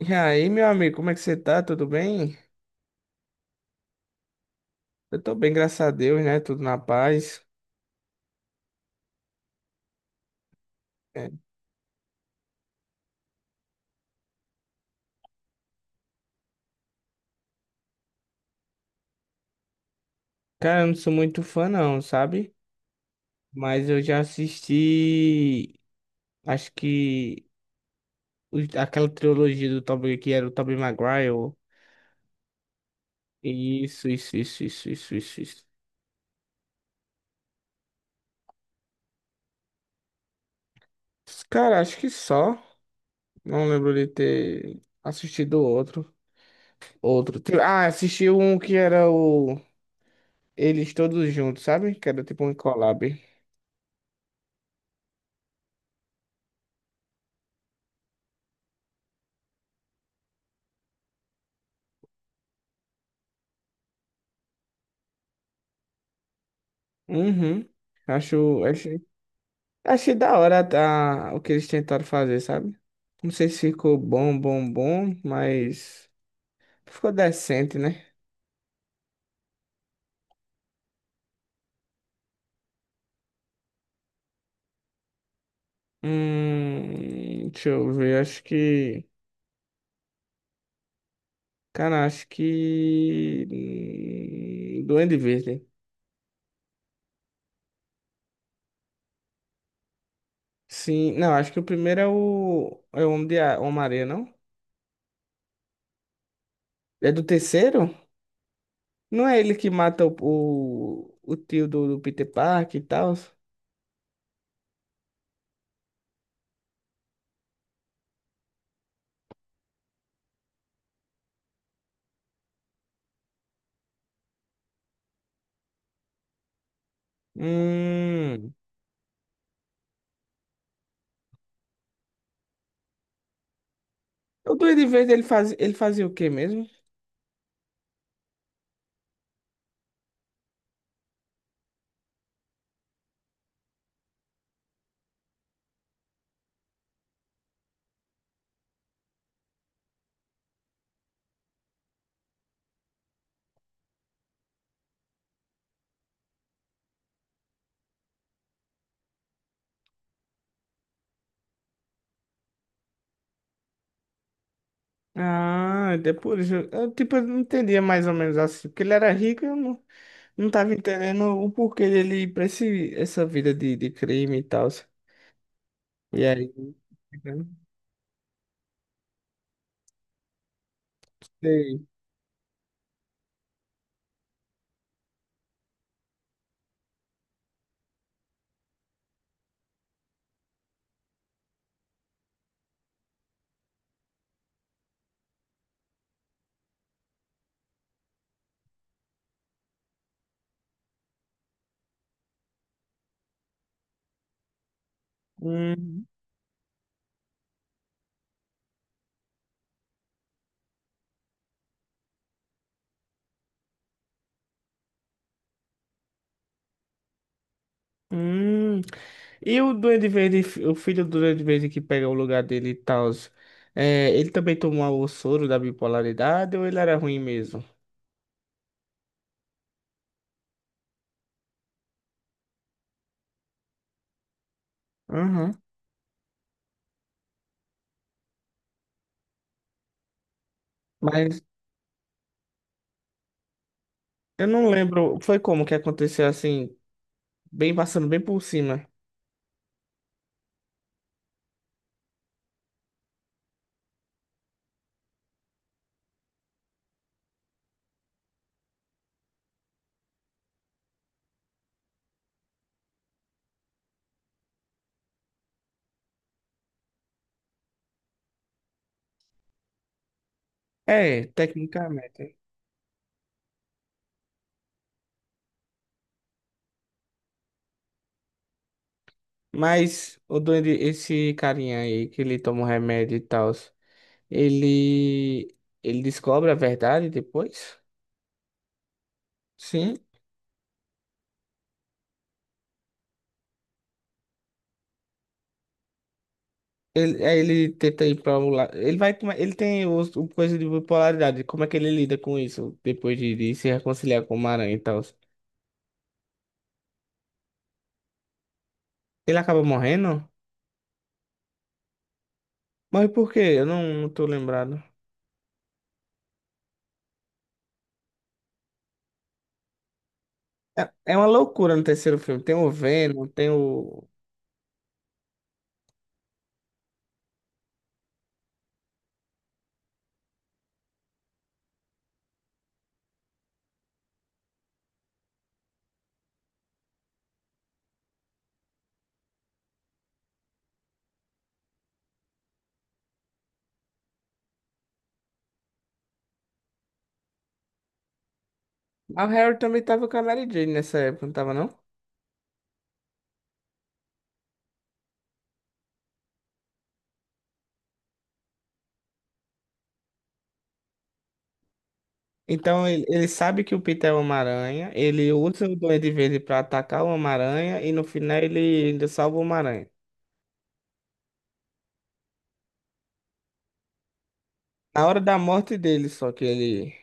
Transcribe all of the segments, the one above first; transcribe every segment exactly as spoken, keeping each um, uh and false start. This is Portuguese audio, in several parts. E aí, meu amigo, como é que você tá? Tudo bem? Eu tô bem, graças a Deus, né? Tudo na paz. É. Cara, eu não sou muito fã, não, sabe? Mas eu já assisti, acho que os- aquela trilogia do Tobey, que era o Tobey Maguire. Isso, isso, isso, isso, isso, isso, isso. Cara, acho que só. Não lembro de ter assistido outro. Outro. Tipo, ah, assisti um que era o Eles Todos Juntos, sabe? Que era tipo um collab. Uhum. Acho. Achei da hora tá, o que eles tentaram fazer, sabe? Não sei se ficou bom, bom, bom, mas ficou decente, né? Hum, deixa eu ver, acho que. Cara, acho que. hum, Duende Verde. Sim, não, acho que o primeiro é o. É o Homem de A- Homem-Aranha, não? É do terceiro? Não é ele que mata o, o, o tio do, do Peter Parker e tal? Hum. O Duende Verde ele faz, ele fazia o quê mesmo? Ah, depois eu, eu, tipo, eu não entendia mais ou menos assim, porque ele era rico e eu não, não tava entendendo o porquê dele ir pra esse, essa vida de, de crime e tal. E aí, eu não sei. Hum, hum. E o Duende Verde, o filho do Duende Verde que pega o lugar dele e tal, é, ele também tomou o soro da bipolaridade ou ele era ruim mesmo? Uhum. Mas eu não lembro, foi como que aconteceu assim, bem passando bem por cima. É, tecnicamente. Mas o doente, esse carinha aí que ele toma o remédio e tal, ele ele descobre a verdade depois? Sim. Ele, aí ele tenta ir pra um lado. Ele vai, tomar- ele tem o, o coisa de bipolaridade. Como é que ele lida com isso depois de, de se reconciliar com o Maranhão e tal? Ele acaba morrendo? Mas por quê? Eu não, não tô lembrado. É, é uma loucura no terceiro filme. Tem o Venom, tem o. Ah, o Harry também tava com a Mary Jane nessa época, não tava não? Então ele, ele sabe que o Peter é o Homem-Aranha, ele usa o Duende Verde pra atacar o Homem-Aranha e no final ele ainda salva o Homem-Aranha. Na hora da morte dele, só que ele.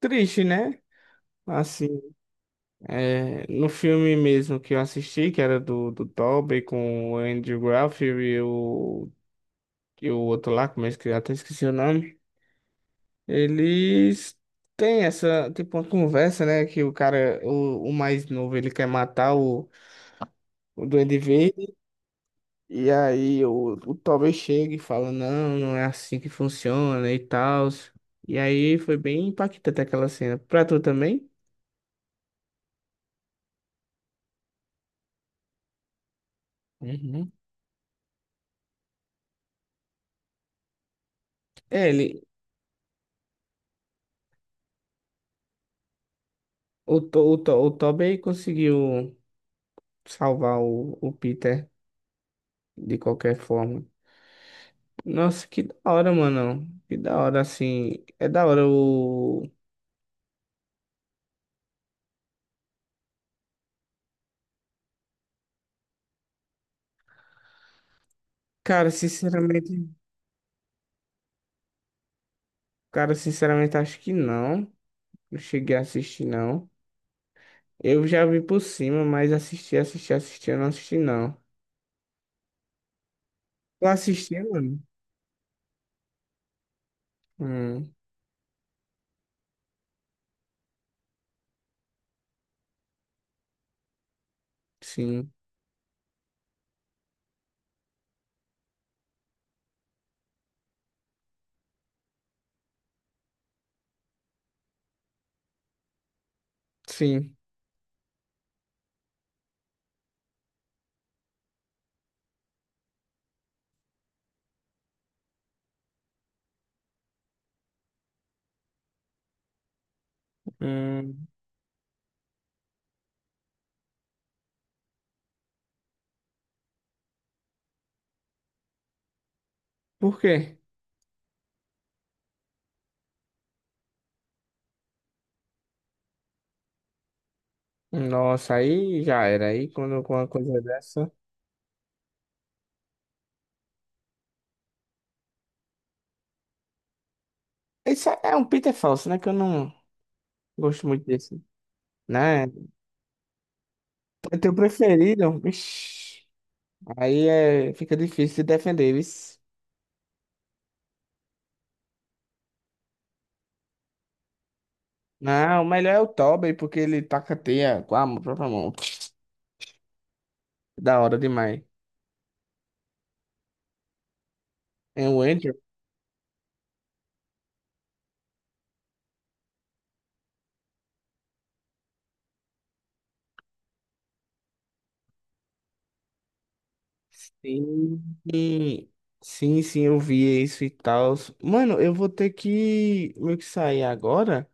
Triste, né? Assim, é, no filme mesmo que eu assisti, que era do, do Tobey com o Andrew Garfield e o, e o outro lá, como é que até esqueci o nome, eles têm essa, tipo, uma conversa, né? Que o cara, o, o mais novo, ele quer matar o, o Duende Verde. E aí o, o Toby chega e fala, não, não é assim que funciona e tal. E aí foi bem impactante aquela cena. Pra tu também? Uhum. É, ele, o, To- o, To- o Toby conseguiu salvar o, o Peter de qualquer forma. Nossa, que da hora, mano. Que da hora, assim. É da hora o. Cara, sinceramente. Cara, sinceramente, acho que não. Não cheguei a assistir, não. Eu já vi por cima, mas assisti, assisti, assisti, eu não assisti, não. Eu assisti. Hum, sim, sim. Hum, por quê? Nossa, aí já era. Aí quando com uma coisa dessa. Isso é um Peter falso, né? Que eu não gosto muito desse. Né? É teu preferido. Ixi, aí é, fica difícil de defender, isso. Não, o melhor é o Tobey, porque ele taca teia com a própria mão. Da hora demais. É o Andrew. Sim, sim, sim, eu vi isso e tal. Mano, eu vou ter que meio que sair agora.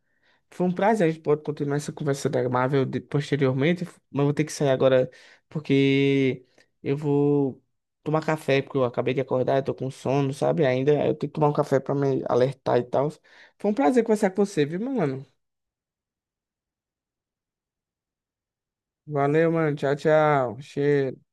Foi um prazer, a gente pode continuar essa conversa da Marvel de- posteriormente, mas vou ter que sair agora porque eu vou tomar café, porque eu acabei de acordar, eu tô com sono, sabe? Ainda eu tenho que tomar um café pra me alertar e tal. Foi um prazer conversar com você, viu, meu mano? Valeu, mano. Tchau, tchau. Cheiro.